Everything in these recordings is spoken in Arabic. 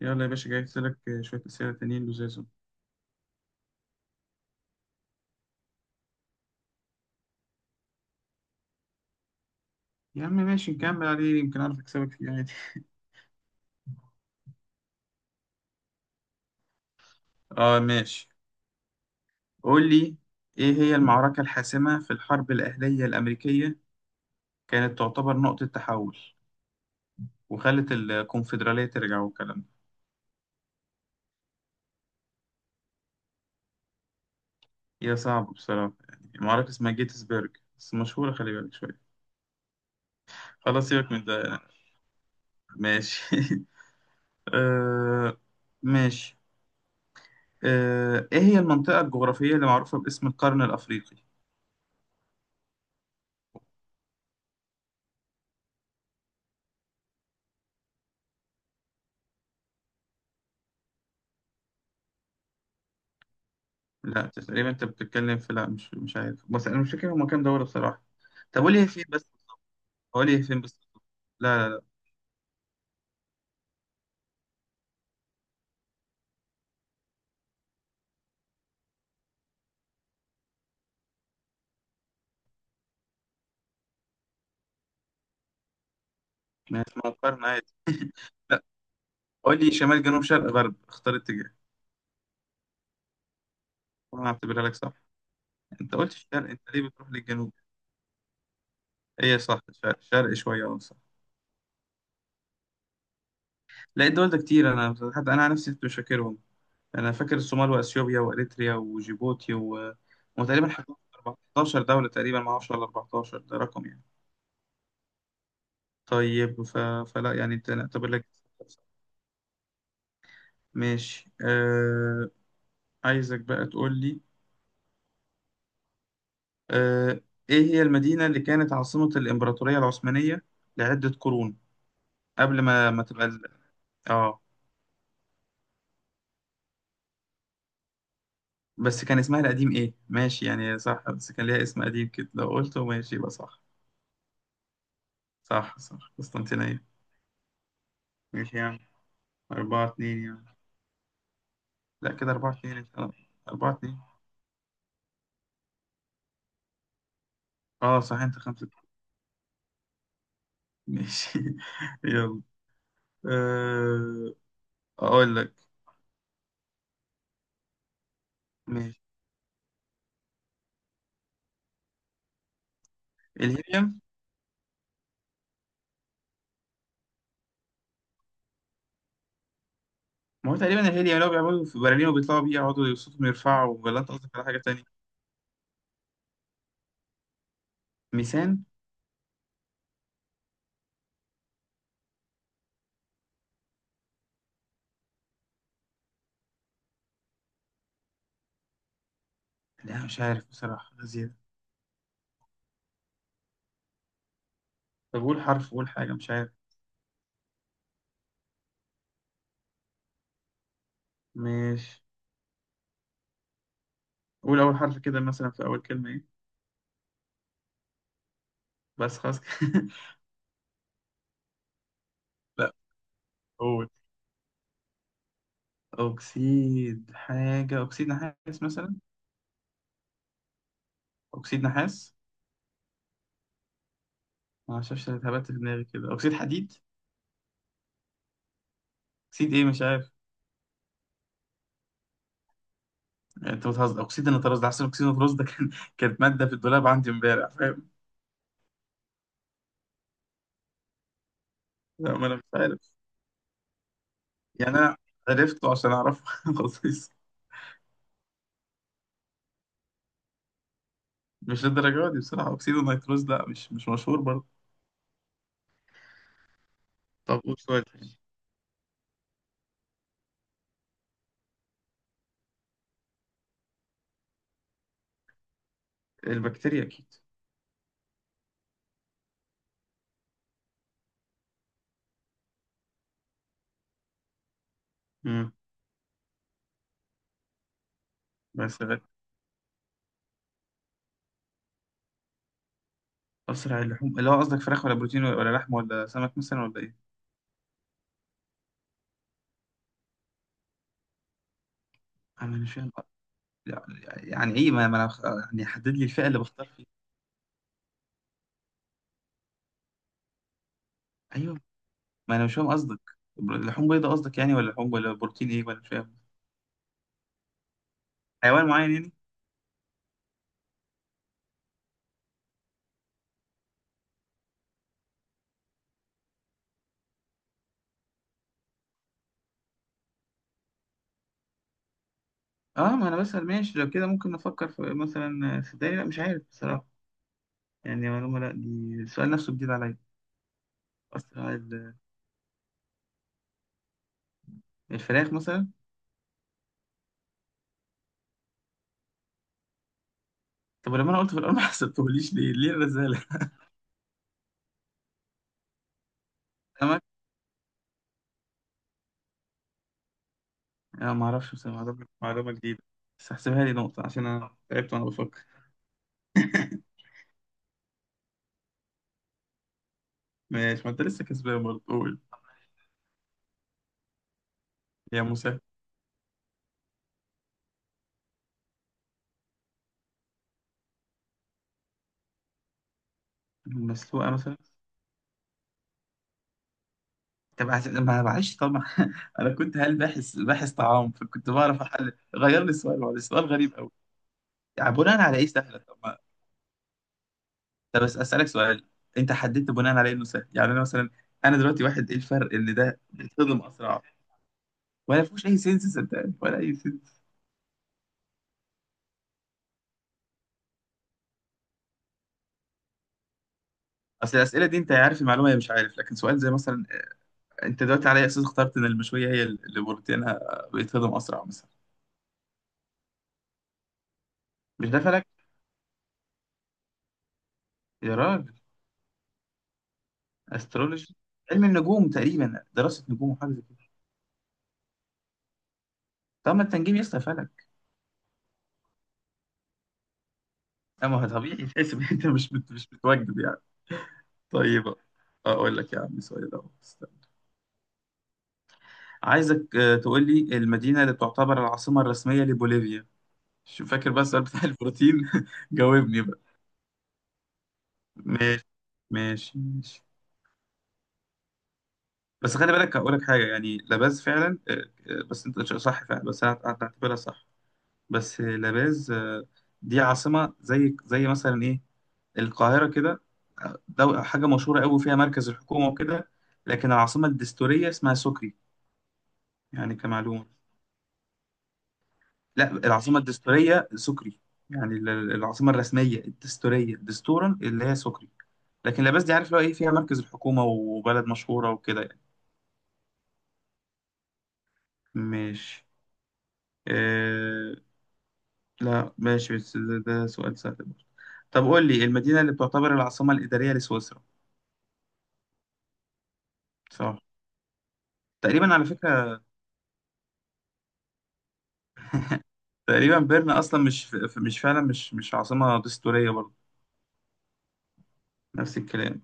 يلا يا باشا، جايبت لك شوية أسئلة تانيين لزازهم. يا عم ماشي نكمل عليه، يمكن أعرف أكسبك فيه عادي. آه ماشي. قول لي، إيه هي المعركة الحاسمة في الحرب الأهلية الأمريكية، كانت تعتبر نقطة تحول وخلت الكونفدرالية ترجع والكلام ده؟ هي صعبة بصراحة، يعني معركة اسمها جيتسبرج بس مشهورة، خلي بالك شوية. خلاص سيبك من ده. ماشي. آه ماشي. آه، إيه هي المنطقة الجغرافية اللي معروفة باسم القرن الأفريقي؟ لا تقريبا انت بتتكلم في، لا مش عارف، بس انا مش فاكر هما كام دورة بصراحة. طب قول لي هي فين بس. قول لي هي فين بس. لا. ما هي اسمها مقارنة عادي. لا، قول لي شمال جنوب شرق غرب، اختار اتجاه. انا هعتبرها لك صح. انت قلت الشرق، انت ليه بتروح للجنوب؟ هي صح، شرق شوية، اه صح. لا الدول ده كتير، انا بصراحة- حتى انا عن نفسي كنت مش فاكرهم. انا فاكر الصومال واثيوبيا واريتريا وجيبوتي و... وتقريبا 14 دولة تقريبا، ما اعرفش ولا 14 ده رقم يعني. طيب ف... فلا يعني انت نعتبر لك. ماشي. آه، عايزك بقى تقول لي، آه، إيه هي المدينة اللي كانت عاصمة الإمبراطورية العثمانية لعدة قرون قبل ما تبقى ال...؟ آه، بس كان اسمها القديم إيه؟ ماشي يعني صح، بس كان ليها اسم قديم كده لو قلته ماشي يبقى صح. صح صح، قسطنطينية. ماشي يعني، أربعة اتنين يعني. لا كده أربعة اتنين، انت- آه، أربعة اتنين. آه صح، أنت خمسة. ماشي. يلا. آه، أقول لك. ماشي. الهيليوم. ما هو تقريبا الهيليا لو بيعملوا في برلين وبيطلعوا بيه، يقعدوا صوتهم يرفعوا، ولا انت قصدك على حاجة تانية؟ ميسان. لا مش عارف بصراحة زيادة. طب قول حرف، قول حاجة، مش عارف. مش، قول أول حرف كده، مثلا في أول كلمة إيه. بس خلاص كده. لا، قول، أكسيد حاجة، أكسيد نحاس مثلا. أكسيد نحاس. ما أعرفش، أنا اتهبت في دماغي كده، أكسيد حديد، أكسيد إيه، مش عارف. أنت بتهزر، أكسيد النيتروز ده أحسن، أكسيد النيتروز ده كان، كانت مادة في الدولاب عندي إمبارح، فاهم. لا ما أنا مش عارف، يعني أنا عرفته عشان أعرفه، خلاص. مش للدرجة دي بصراحة، أكسيد النيتروز لا مش مشهور برضه. طب قول سؤال تاني. البكتيريا أكيد. مم. بس غير. أسرع اللحوم اللي هو قصدك فراخ، ولا بروتين، ولا لحم، ولا سمك مثلا، ولا إيه؟ أنا مش فاهم. يعني يعني إيه ما ما أنا بخ- يعني حدد لي الفئة اللي بختار فيها. أيوه. ما أنا مش فاهم قصدك. بر- لحوم بيضاء قصدك يعني، ولا لحوم، ولا بروتين إيه، ولا مش فاهم. حيوان معين يعني؟ أه، ما أنا بسأل ماشي، لو كده ممكن نفكر في مثلا، صدقني لا مش عارف بصراحة، يعني معلومة. لا دي السؤال نفسه جديد عليا. أسرع ال- الفراخ مثلا. طب ولما انا قلت في الاول، ما حسبتهوليش ليه؟ ليه الرزاله؟ سمك. انا ما اعرفش، بس معلومه، معلومه جديده، بس هحسبها لي نقطه عشان انا تعبت وانا بفكر. ماشي، ما انت لسه كسبان برضه، قول. يا موسى. المسلوقه مثلا. طب عش- ما معلش طبعا. انا كنت هل باحث باحث طعام، فكنت بعرف احل، غير لي السؤال معلش، سؤال غريب قوي. يعني بناء على ايه سهله؟ طب ما- طب بس اسالك سؤال، انت حددت بناء على إيه انه سهل؟ يعني انا مثلا، انا دلوقتي واحد، ايه الفرق ان ده بيتهضم اسرع ولا فيهوش اي سنس؟ صدقني ولا اي سنس. اصل الاسئله دي انت عارف المعلومه، هي مش عارف، لكن سؤال زي مثلا، انت دلوقتي على أي اساس اخترت ان المشويه هي اللي بروتينها بيتهضم اسرع مثلا؟ مش ده فلك؟ يا راجل، استرولوجي، علم النجوم تقريبا، دراسه نجوم وحاجه زي كده. طب ما التنجيم يا اسطى فلك. اما هو طبيعي، تحس ان انت مش بتوجد يعني. طيب، اقول لك يا عم سؤال اهو، استنى. عايزك آه، تقول لي المدينه اللي تعتبر العاصمه الرسميه لبوليفيا. شو فاكر بقى السؤال بتاع البروتين؟ جاوبني بقى. ماشي. ماشي. بس خلي بالك هقول لك حاجه، يعني لاباز فعلا، آه، آه، بس انت ش- صح فعلا، بس انا هعتبرها صح. بس آه، لاباز آه، دي عاصمه، زي مثلا ايه، القاهره كده، آه، دو- حاجه مشهوره قوي فيها مركز الحكومه وكده، لكن العاصمه الدستوريه اسمها سكري يعني، كمعلومه. لا، العاصمه الدستوريه سكري، يعني العاصمه الرسميه الدستوريه دستورا اللي هي سكري، لكن لاباز دي عارف لو ايه، فيها مركز الحكومه وبلد مشهوره وكده يعني. ماشي، آه، لا ماشي، بس ده سؤال سهل برضه. طب قول لي المدينة اللي بتعتبر العاصمة الإدارية لسويسرا. صح تقريبا على فكرة. تقريبا بيرن أصلا مش فعلا، مش عاصمة دستورية برضه. نفس الكلام.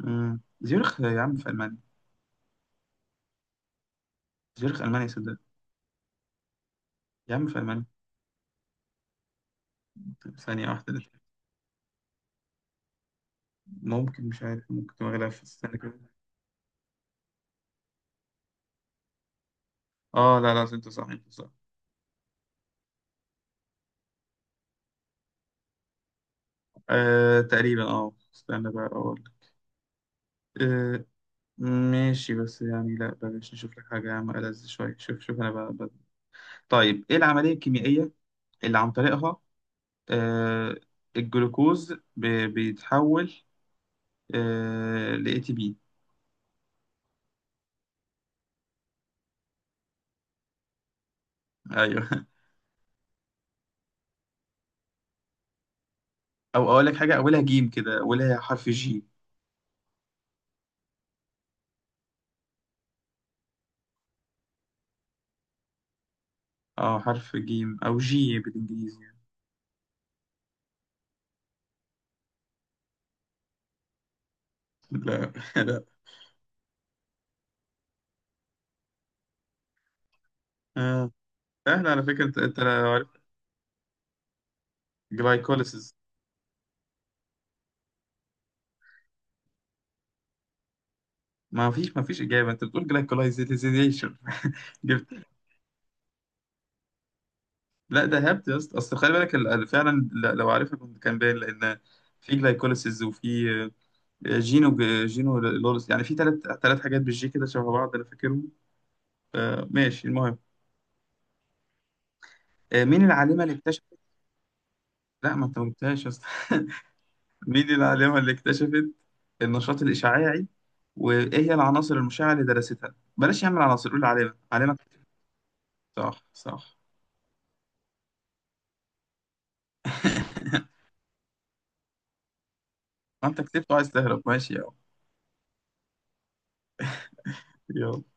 مم. زيورخ يا عم في ألمانيا. زيورخ ألمانيا صدق. يا عم في ألمانيا. ثانية واحدة ده. ممكن، مش عارف، ممكن تبقى غيرها في السنة كده. اه، لا لا انت صح، انت صح. آه تقريبا، اه استنى بقى اقول لك. آه ماشي، بس يعني لا بلاش، نشوف لك حاجة يا عم ألذ شوية، شوف شوف انا بقى. طيب، ايه العملية الكيميائية اللي عن طريقها، آه الجلوكوز بيتحول آه ل اي تي بي؟ ايوه. او اقول لك حاجة اولها جيم كده، اولها حرف جي. اه حرف جيم او جي بالانجليزي يعني. لا لا. آه. سهل على فكرة انت، انت لو عارف، جلايكوليسيس. ما فيش، ما فيش اجابة، انت بتقول جلايكولايزيشن. جبت. لا ده هبت يا اسطى، اصل خلي بالك فعلا، ل- لو عارفها كنت كان باين، لان في جلايكوليسيس وفي جينو، جينو لورس، يعني في ثلاث، ثلاث حاجات بالجي كده شبه بعض، انا فاكرهم. آه، ماشي المهم. آه، مين العالمه اللي اكتشفت؟ لا ما انت ما قلتهاش يا اسطى. مين العالمه اللي اكتشفت النشاط الاشعاعي، وايه هي العناصر المشعه اللي درستها؟ بلاش يعمل عناصر، قول عالمه عالمه. صح صح. ما انت كتبت وعايز تهرب، ماشي يا عم. يلا.